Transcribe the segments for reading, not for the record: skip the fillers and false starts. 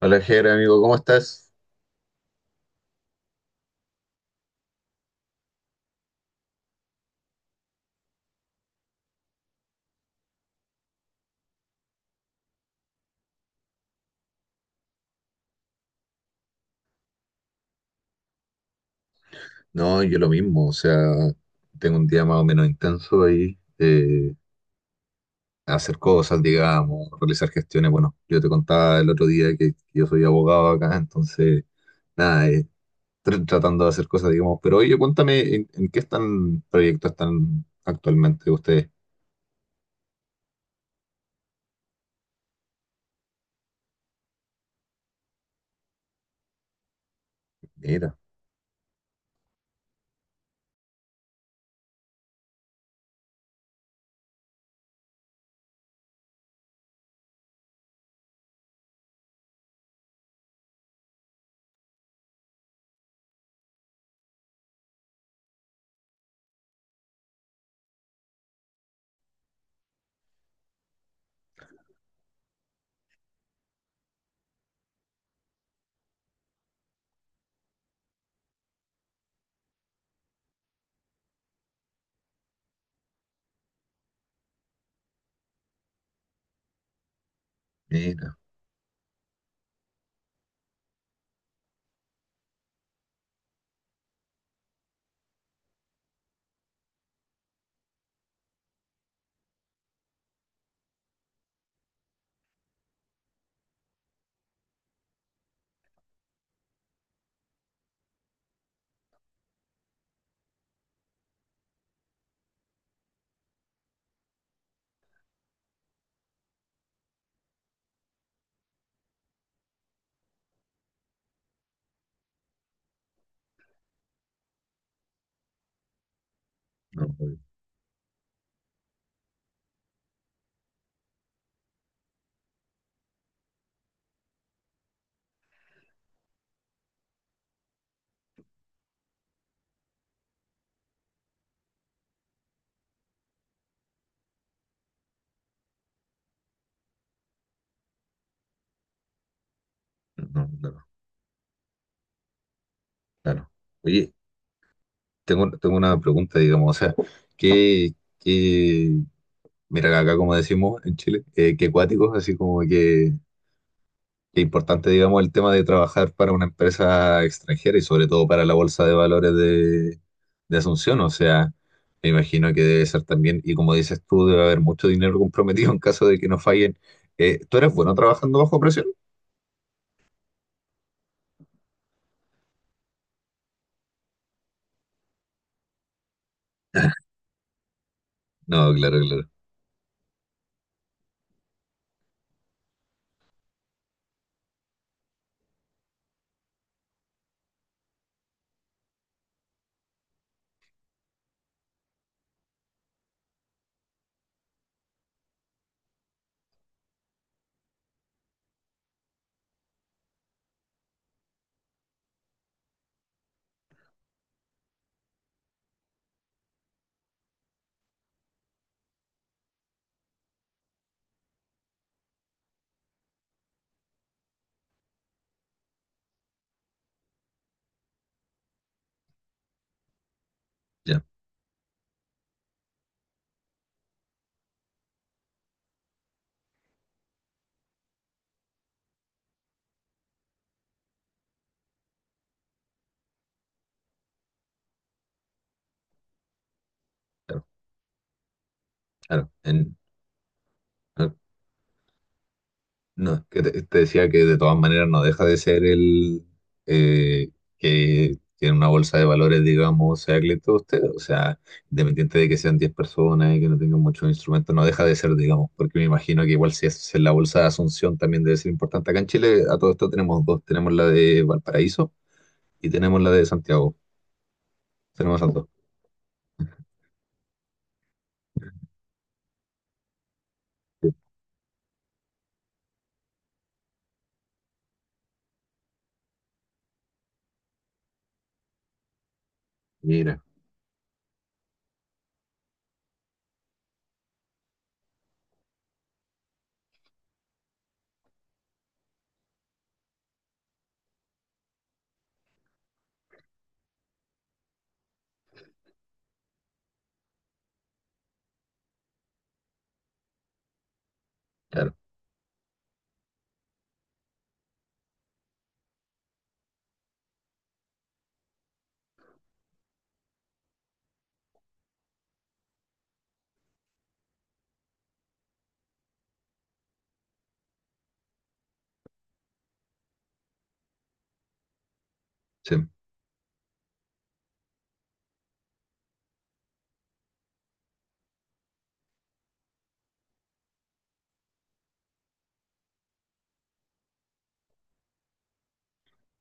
Hola, Jere, amigo, ¿cómo estás? No, yo lo mismo, o sea, tengo un día más o menos intenso ahí, hacer cosas, digamos, realizar gestiones. Bueno, yo te contaba el otro día que yo soy abogado acá, entonces, nada, tratando de hacer cosas, digamos. Pero oye, cuéntame, ¿en qué están proyectos están actualmente ustedes? Mira, mira, no, oye, no, claro, claro. Oye, tengo una pregunta, digamos, o sea, ¿qué Mira, acá como decimos en Chile, que cuáticos, así como que importante, digamos, el tema de trabajar para una empresa extranjera y sobre todo para la bolsa de valores de Asunción. O sea, me imagino que debe ser también, y como dices tú, debe haber mucho dinero comprometido en caso de que no fallen. ¿Tú eres bueno trabajando bajo presión? No, claro, claro. Ya, claro, claro. En- no, No, que te decía que de todas maneras no deja de ser el eh, que tiene una bolsa de valores, digamos, sea cliente de usted, o sea, independiente de que sean 10 personas y que no tengan muchos instrumentos, no deja de ser, digamos, porque me imagino que igual si es en la bolsa de Asunción también debe ser importante. Acá en Chile a todo esto tenemos dos, tenemos la de Valparaíso y tenemos la de Santiago, tenemos esas dos. Sí, Mira, claro, sí,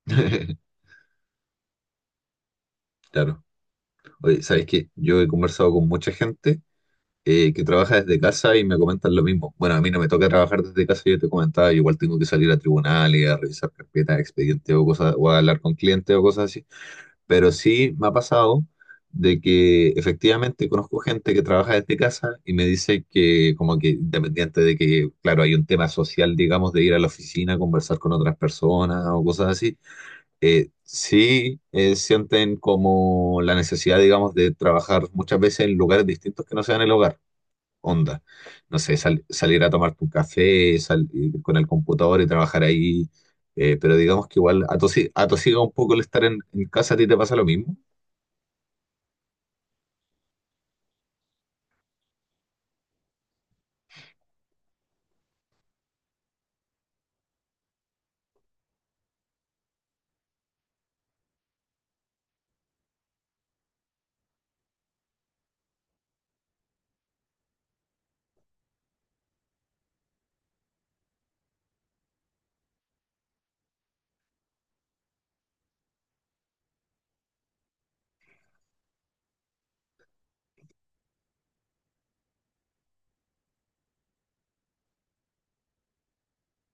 claro. Oye, ¿sabes qué? Yo he conversado con mucha gente que trabaja desde casa y me comentan lo mismo. Bueno, a mí no me toca trabajar desde casa, yo te comentaba, yo igual tengo que salir a tribunales, a revisar carpetas, expedientes o cosas, o a hablar con clientes o cosas así. Pero sí me ha pasado de que efectivamente conozco gente que trabaja desde casa y me dice que como que independiente de que, claro, hay un tema social, digamos, de ir a la oficina, conversar con otras personas o cosas así, sí, sienten como la necesidad, digamos, de trabajar muchas veces en lugares distintos que no sean el hogar onda. No sé, salir a tomarte un café, ir con el computador y trabajar ahí. Pero digamos que igual atosiga un poco el estar en casa, ¿a ti te pasa lo mismo?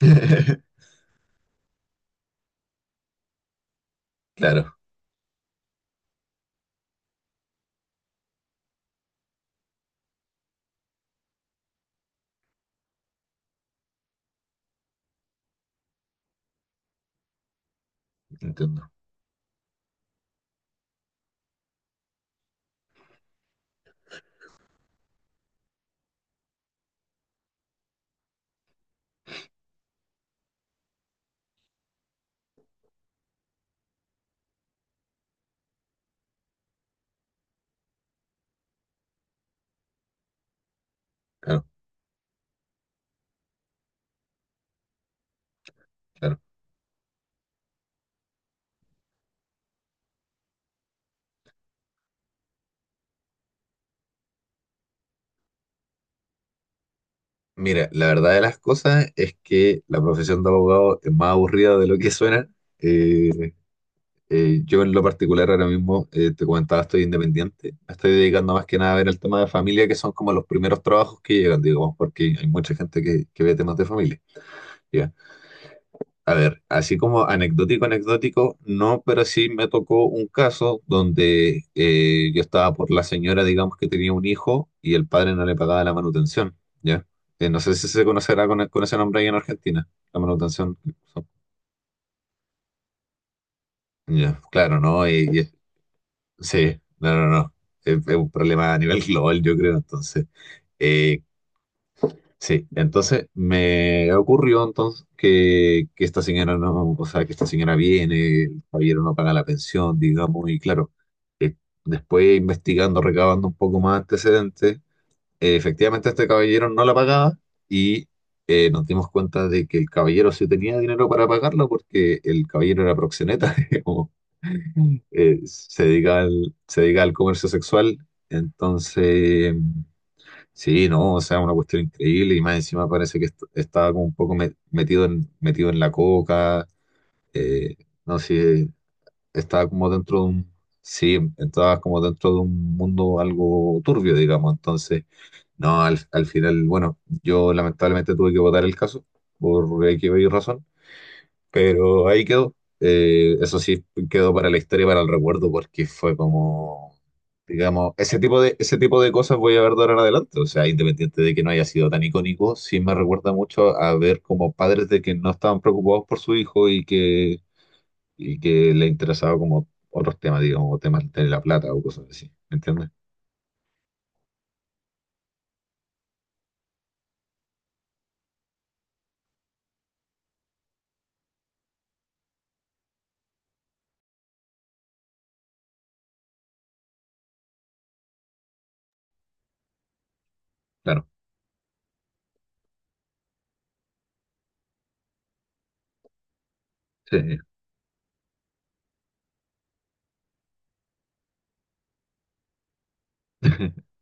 Claro, entiendo. Claro, claro. Mira, la verdad de las cosas es que la profesión de abogado es más aburrida de lo que suena. Eh, yo en lo particular ahora mismo, te comentaba, estoy independiente. Me estoy dedicando más que nada a ver el tema de familia, que son como los primeros trabajos que llegan, digamos, porque hay mucha gente que ve temas de familia. ¿Ya? A ver, así como anecdótico, anecdótico, no, pero sí me tocó un caso donde yo estaba por la señora, digamos, que tenía un hijo y el padre no le pagaba la manutención, ¿ya? No sé si se conocerá con ese nombre ahí en Argentina, la manutención. Ya, claro, ¿no? Sí, no, no, no. Es un problema a nivel global, yo creo, entonces. eh, Sí, entonces me ocurrió entonces que esta señora no, o sea, que esta señora viene, el caballero no paga la pensión, digamos, y claro, eh, después investigando, recabando un poco más antecedentes, efectivamente este caballero no la pagaba y nos dimos cuenta de que el caballero sí tenía dinero para pagarlo porque el caballero era proxeneta, digamos, se dedica al comercio sexual, entonces... Sí, no, o sea, una cuestión increíble y más encima parece que estaba como un poco metido en, metido en la coca, eh, no sé, estaba como dentro de un, sí, estaba como dentro de un mundo algo turbio, digamos, entonces, no, al, al final, bueno, yo lamentablemente tuve que votar el caso por X o Y razón, pero ahí quedó. Eso sí, quedó para la historia, y para el recuerdo, porque fue como, digamos, ese tipo de cosas voy a ver de ahora en adelante. O sea, independiente de que no haya sido tan icónico, sí me recuerda mucho a ver como padres de que no estaban preocupados por su hijo y que le interesaba como otros temas, digamos, o temas de la plata o cosas así. ¿Me entiendes? Claro. Sí,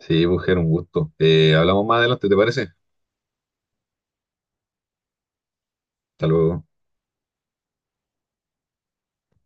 sí, mujer, un gusto. Hablamos más adelante, ¿te parece? Hasta luego.